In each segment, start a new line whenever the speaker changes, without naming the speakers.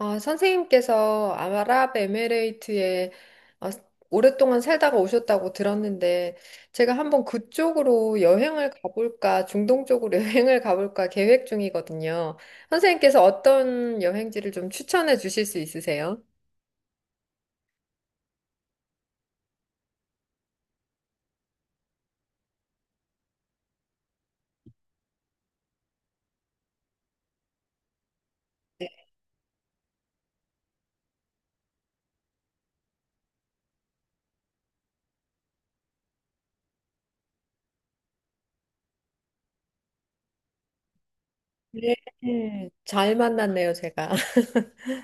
아, 선생님께서 아랍에미레이트에 어, 오랫동안 살다가 오셨다고 들었는데, 제가 한번 그쪽으로 여행을 가볼까, 중동 쪽으로 여행을 가볼까 계획 중이거든요. 선생님께서 어떤 여행지를 좀 추천해 주실 수 있으세요? 네, 잘 만났네요, 제가.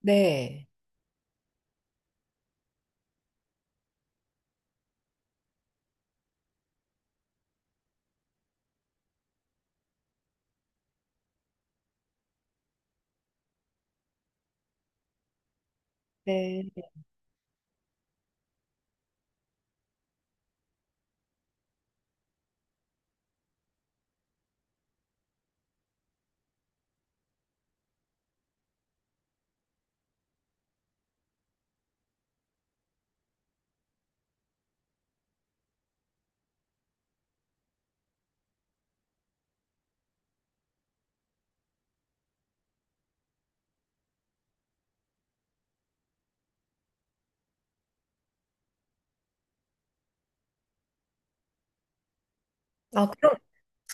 네. 네. 아, 그럼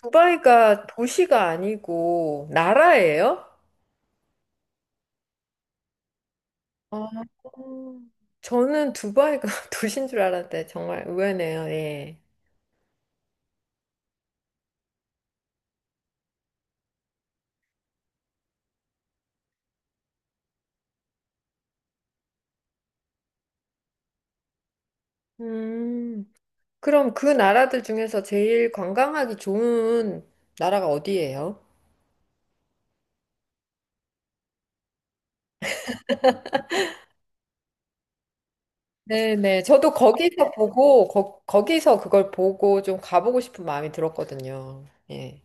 두바이가 도시가 아니고 나라예요? 아, 저는 두바이가 도시인 줄 알았는데 정말 의외네요. 예. 음, 그럼 그 나라들 중에서 제일 관광하기 좋은 나라가 어디예요? 네네. 저도 거기서 보고, 거, 기서 그걸 보고 좀 가보고 싶은 마음이 들었거든요. 예.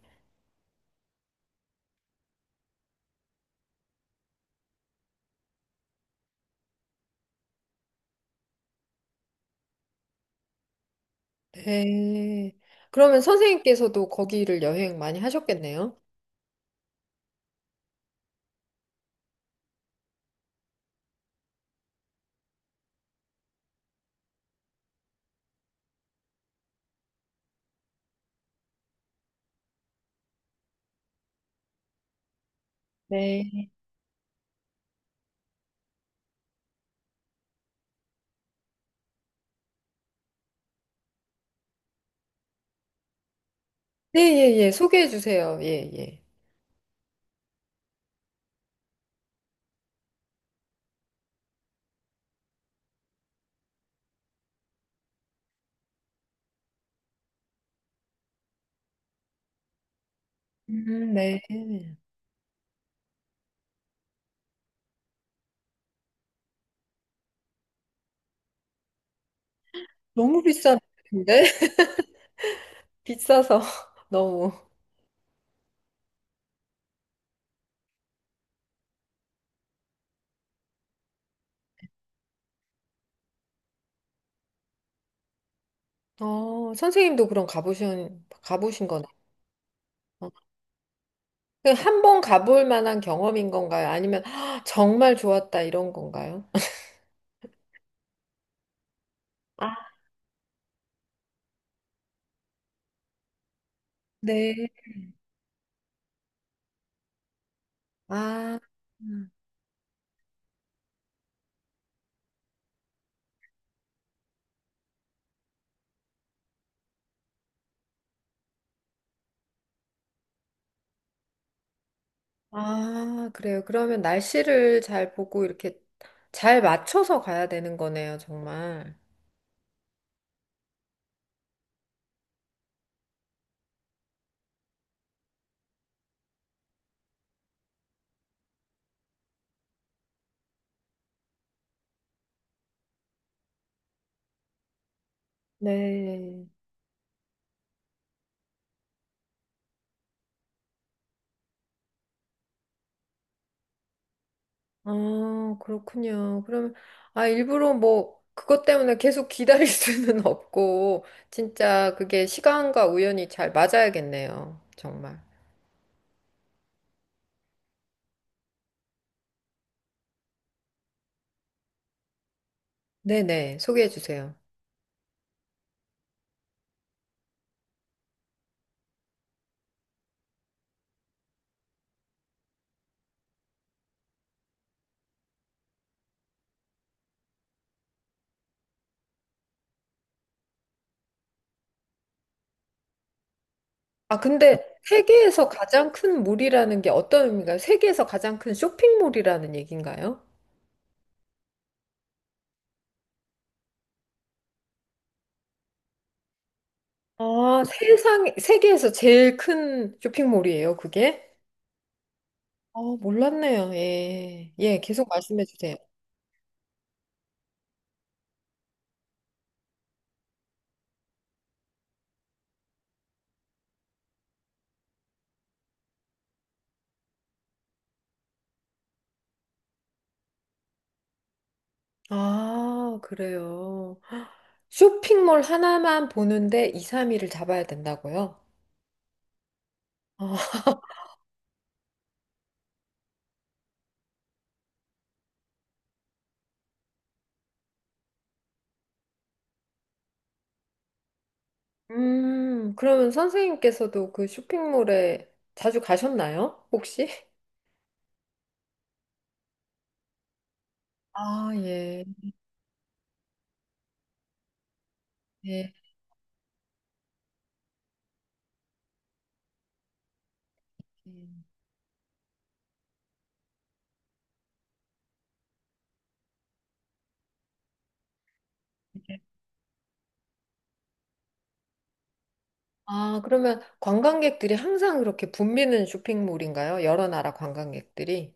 네. 그러면 선생님께서도 거기를 여행 많이 하셨겠네요? 네. 네, 예, 예. 소개해 주세요. 예, 예. 네. 너무 비싼데? 비싸서 너무. 어, 선생님도 그럼 가보신, 가보신 거네. 어. 한번 가볼 만한 경험인 건가요? 아니면 "아, 정말 좋았다 이런 건가요? 아, 네. 아, 음. 아, 그래요. 그러면 날씨를 잘 보고 이렇게 잘 맞춰서 가야 되는 거네요, 정말. 네. 아, 그렇군요. 그럼, 아, 일부러 뭐, 그것 때문에 계속 기다릴 수는 없고, 진짜 그게 시간과 우연이 잘 맞아야겠네요. 정말. 네네, 소개해 주세요. 아, 근데 세계에서 가장 큰 몰이라는 게 어떤 의미인가요? 세계에서 가장 큰 쇼핑몰이라는 얘기인가요? 아, 세상, 세계에서 제일 큰 쇼핑몰이에요, 그게? 아, 몰랐네요. 예. 예, 계속 말씀해 주세요. 아, 그래요. 헉, 쇼핑몰 하나만 보는데 2, 3일을 잡아야 된다고요? 아, 그러면 선생님께서도 그 쇼핑몰에 자주 가셨나요? 혹시? 아, 예. 예. 예. 아, 그러면 관광객들이 항상 그렇게 붐비는 쇼핑몰인가요? 여러 나라 관광객들이?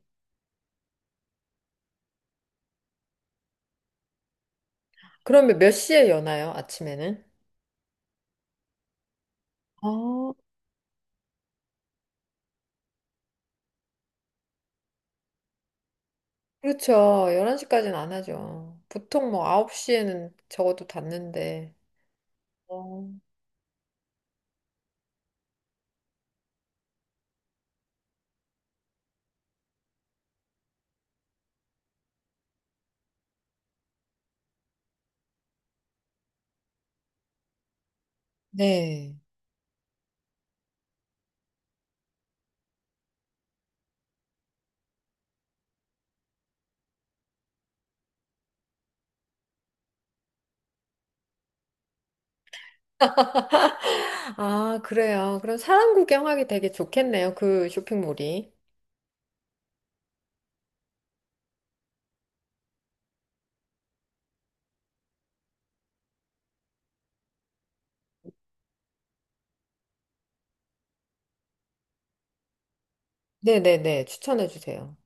그러면 몇 시에 여나요? 아침에는? 아, 그렇죠. 11시까지는 안 하죠. 보통 뭐 9시에는 적어도 닫는데. 어. 네. 아, 그래요. 그럼 사람 구경하기 되게 좋겠네요. 그 쇼핑몰이. 네네네. 추천해 주세요.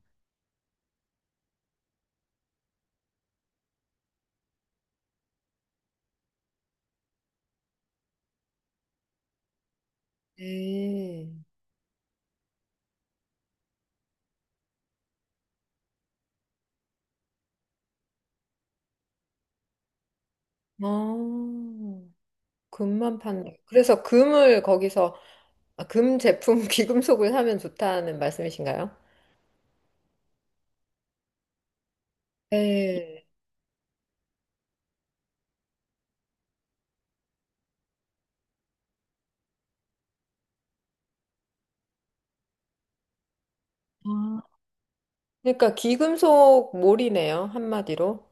네. 아, 금만 판다. 그래서 금을 거기서, 아, 금 제품, 귀금속을 사면 좋다는 말씀이신가요? 네. 아, 그러니까 귀금속 몰이네요. 한마디로.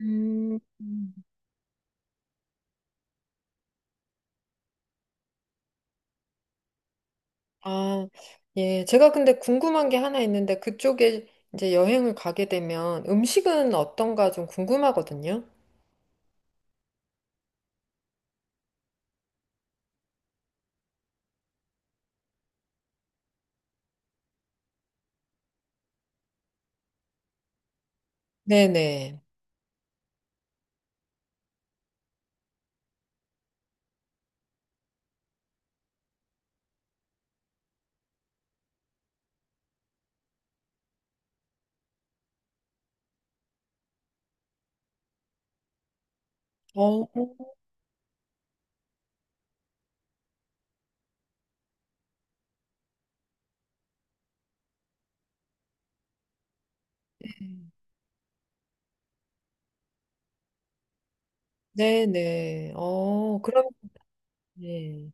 음. 아, 예. 제가 근데 궁금한 게 하나 있는데 그쪽에 이제 여행을 가게 되면 음식은 어떤가 좀 궁금하거든요. 네네. 어, 네네. 어, 그럼, 네.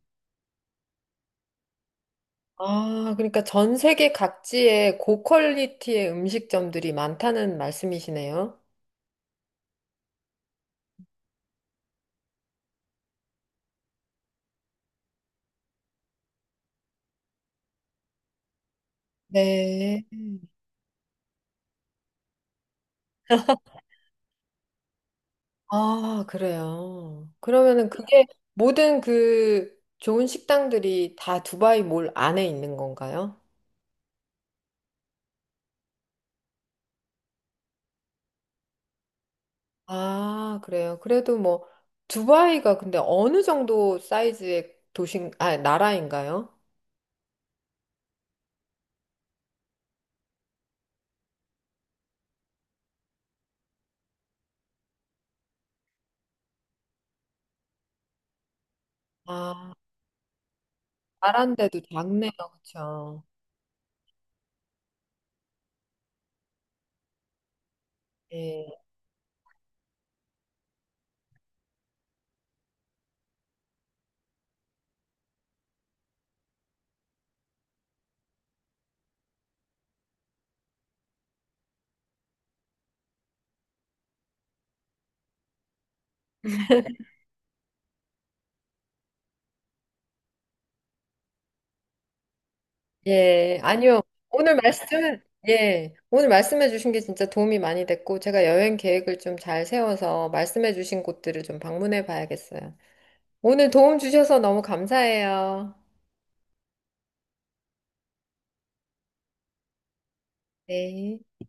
아, 그러니까 전 세계 각지에 고퀄리티의 음식점들이 많다는 말씀이시네요. 네. 아, 그래요. 그러면은 그게 모든 그 좋은 식당들이 다 두바이 몰 안에 있는 건가요? 아, 그래요. 그래도 뭐, 두바이가 근데 어느 정도 사이즈의 도시, 아, 나라인가요? 아, 나라인데도 작네요. 그쵸. 예. 예. 아니요. 오늘 말씀, 예. 오늘 말씀해 주신 게 진짜 도움이 많이 됐고, 제가 여행 계획을 좀 잘 세워서 말씀해 주신 곳들을 좀 방문해 봐야겠어요. 오늘 도움 주셔서 너무 감사해요. 네.